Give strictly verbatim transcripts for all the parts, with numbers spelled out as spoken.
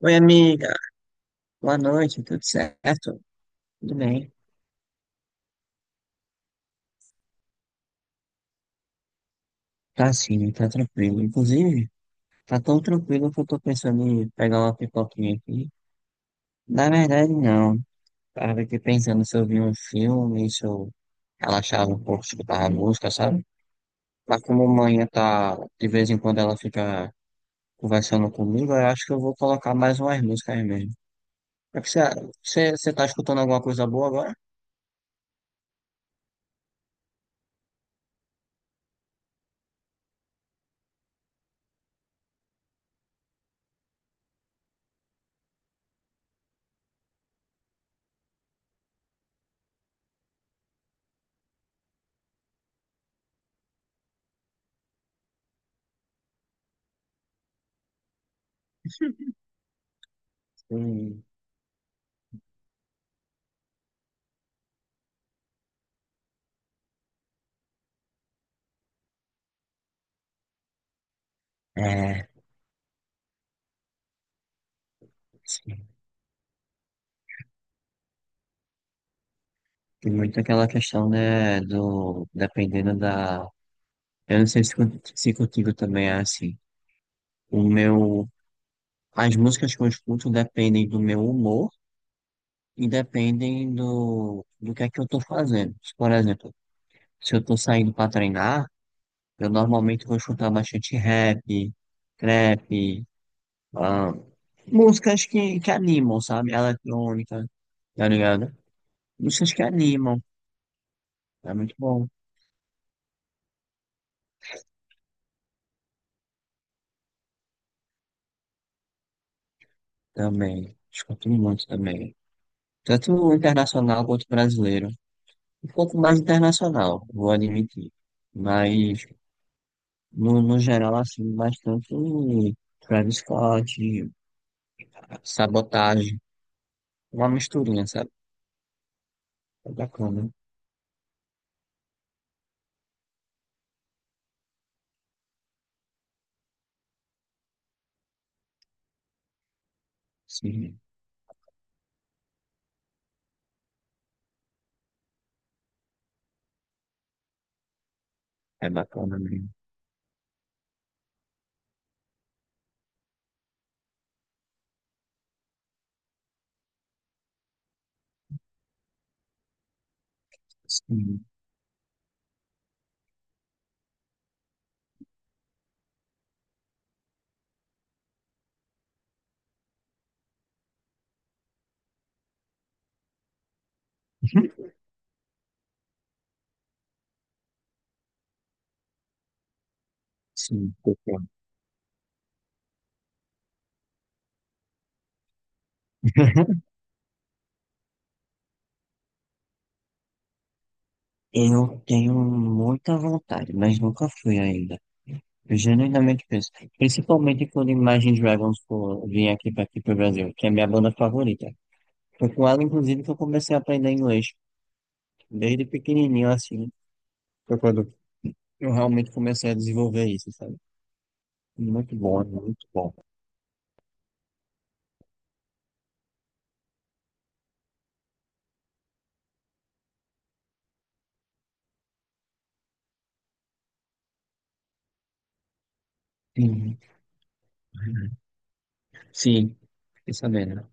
Oi, amiga. Boa noite, tudo certo? Tudo bem? Tá sim, tá tranquilo. Inclusive, tá tão tranquilo que eu tô pensando em pegar uma pipoquinha aqui. Na verdade, não. Tava aqui pensando se eu vi um filme, se eu relaxava um pouco, escutava música, sabe? Mas como manhã tá, de vez em quando ela fica conversando comigo, eu acho que eu vou colocar mais umas músicas mesmo. É que você, você, você tá escutando alguma coisa boa agora? Hum. É. Tem muito aquela questão, né, do, dependendo da, eu não sei se, con- se contigo também é assim, o meu, as músicas que eu escuto dependem do meu humor e dependem do, do que é que eu tô fazendo. Se, por exemplo, se eu tô saindo pra treinar, eu normalmente vou escutar bastante rap, trap, ah, músicas que, que animam, sabe? Eletrônica, tá ligado? Músicas que animam, é muito bom também, escuto muito também. Tanto o internacional quanto o brasileiro. Um pouco mais internacional, vou admitir. Mas, no, no geral, assim, bastante Travis Scott, Sabotagem, uma misturinha, sabe? É bacana. Sim, é bacana mesmo. Sim, sim, concordo. Eu tenho muita vontade, mas nunca fui ainda. Eu genuinamente penso, principalmente quando Imagine Dragons for, vir aqui para aqui para o Brasil, que é a minha banda favorita. Foi com ela, inclusive, que eu comecei a aprender inglês. Desde pequenininho, assim. Foi quando eu realmente comecei a desenvolver isso, sabe? Muito bom, muito bom. Sim, sim. Fiquei sabendo.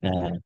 É, é.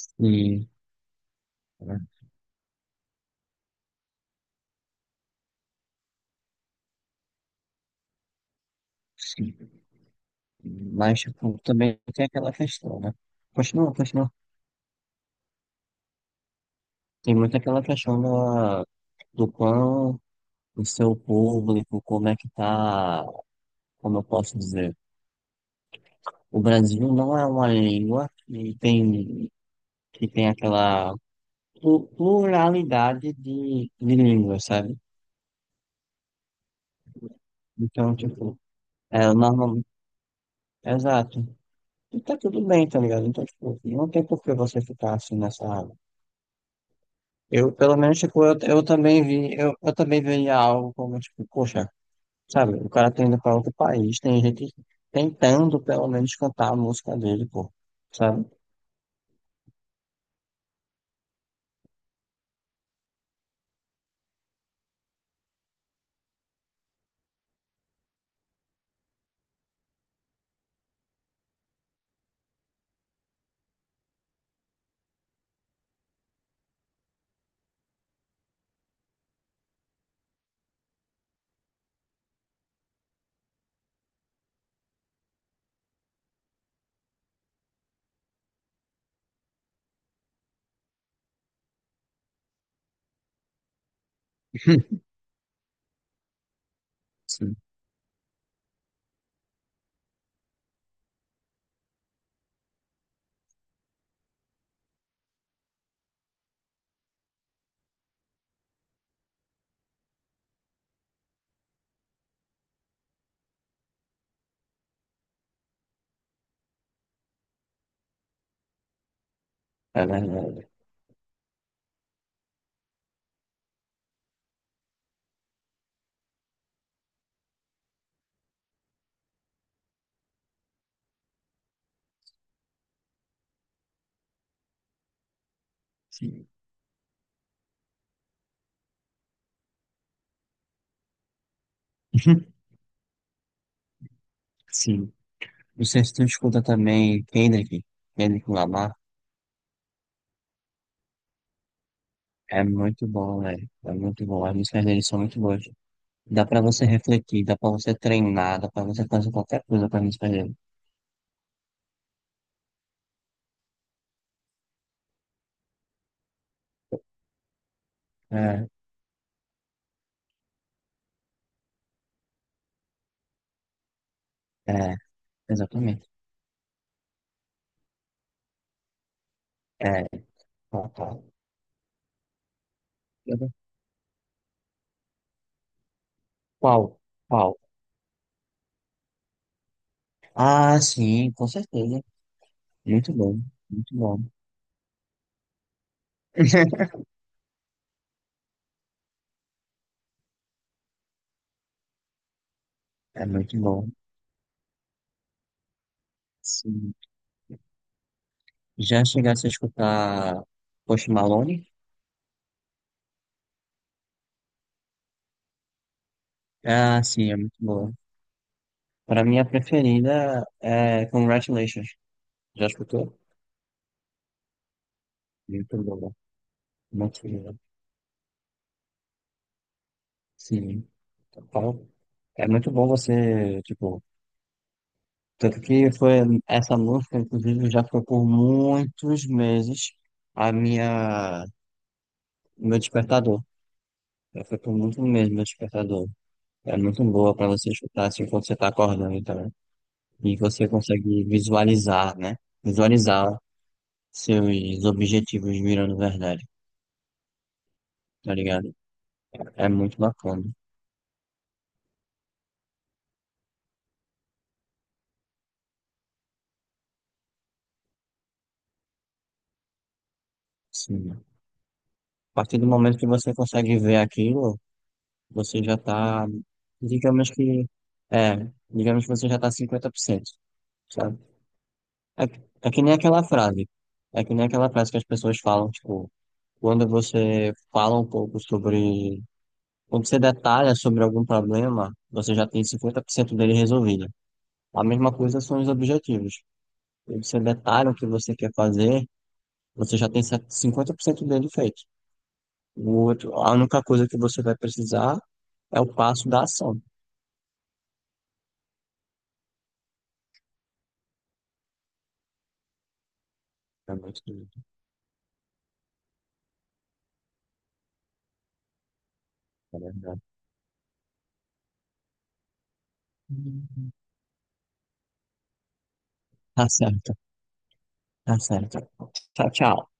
Sim, né? Sim. Mas, tipo, também tem aquela questão, né? Continua, continua. Tem muito aquela questão da, do quão o seu público, como é que tá, como eu posso dizer. O Brasil não é uma língua que tem, que tem aquela plu- pluralidade de, de línguas, sabe? Então, tipo, é normal. Exato. E tá tudo bem, tá ligado? Então, tipo, não tem por que você ficar assim nessa água. Eu, pelo menos, tipo, eu, eu também vi, eu, eu também veria algo como, tipo, poxa, sabe, o cara tá indo pra outro país, tem gente tentando, pelo menos, cantar a música dele, pô, sabe? Sim, é verdade. Sim. Sim. Não sei se tu escuta também Kendrick, Kendrick Lamar. É muito bom, né? É muito bom. As músicas deles são muito boas. Dá pra você refletir, dá pra você treinar, dá pra você fazer qualquer coisa com as músicas dele. É, é, exatamente. É, qual, qual? Qual? Qual? Ah, sim, com certeza. Muito bom, muito bom. É muito bom. Sim. Já chegasse a escutar Post Malone? Ah, sim, é muito boa. Pra mim, a preferida é Congratulations. Já escutou? Muito boa, muito boa. Sim. Então, é muito bom você, tipo, tanto que foi essa música, inclusive, já foi por muitos meses a minha, meu despertador. Já foi por muitos meses meu despertador. É muito boa para você escutar assim quando você está acordando também. E você consegue visualizar, né? Visualizar seus objetivos virando verdade, tá ligado? É muito bacana. Sim. A partir do momento que você consegue ver aquilo, você já tá, digamos que, é, digamos que você já tá cinquenta por cento, sabe? É, é que nem aquela frase, é que nem aquela frase que as pessoas falam, tipo, quando você fala um pouco sobre, quando você detalha sobre algum problema, você já tem cinquenta por cento dele resolvido. A mesma coisa são os objetivos. Quando você detalha o que você quer fazer, você já tem cinquenta por cento dele feito. O outro, a única coisa que você vai precisar é o passo da ação. É muito, tá certo, tá certo. Tchau, tchau.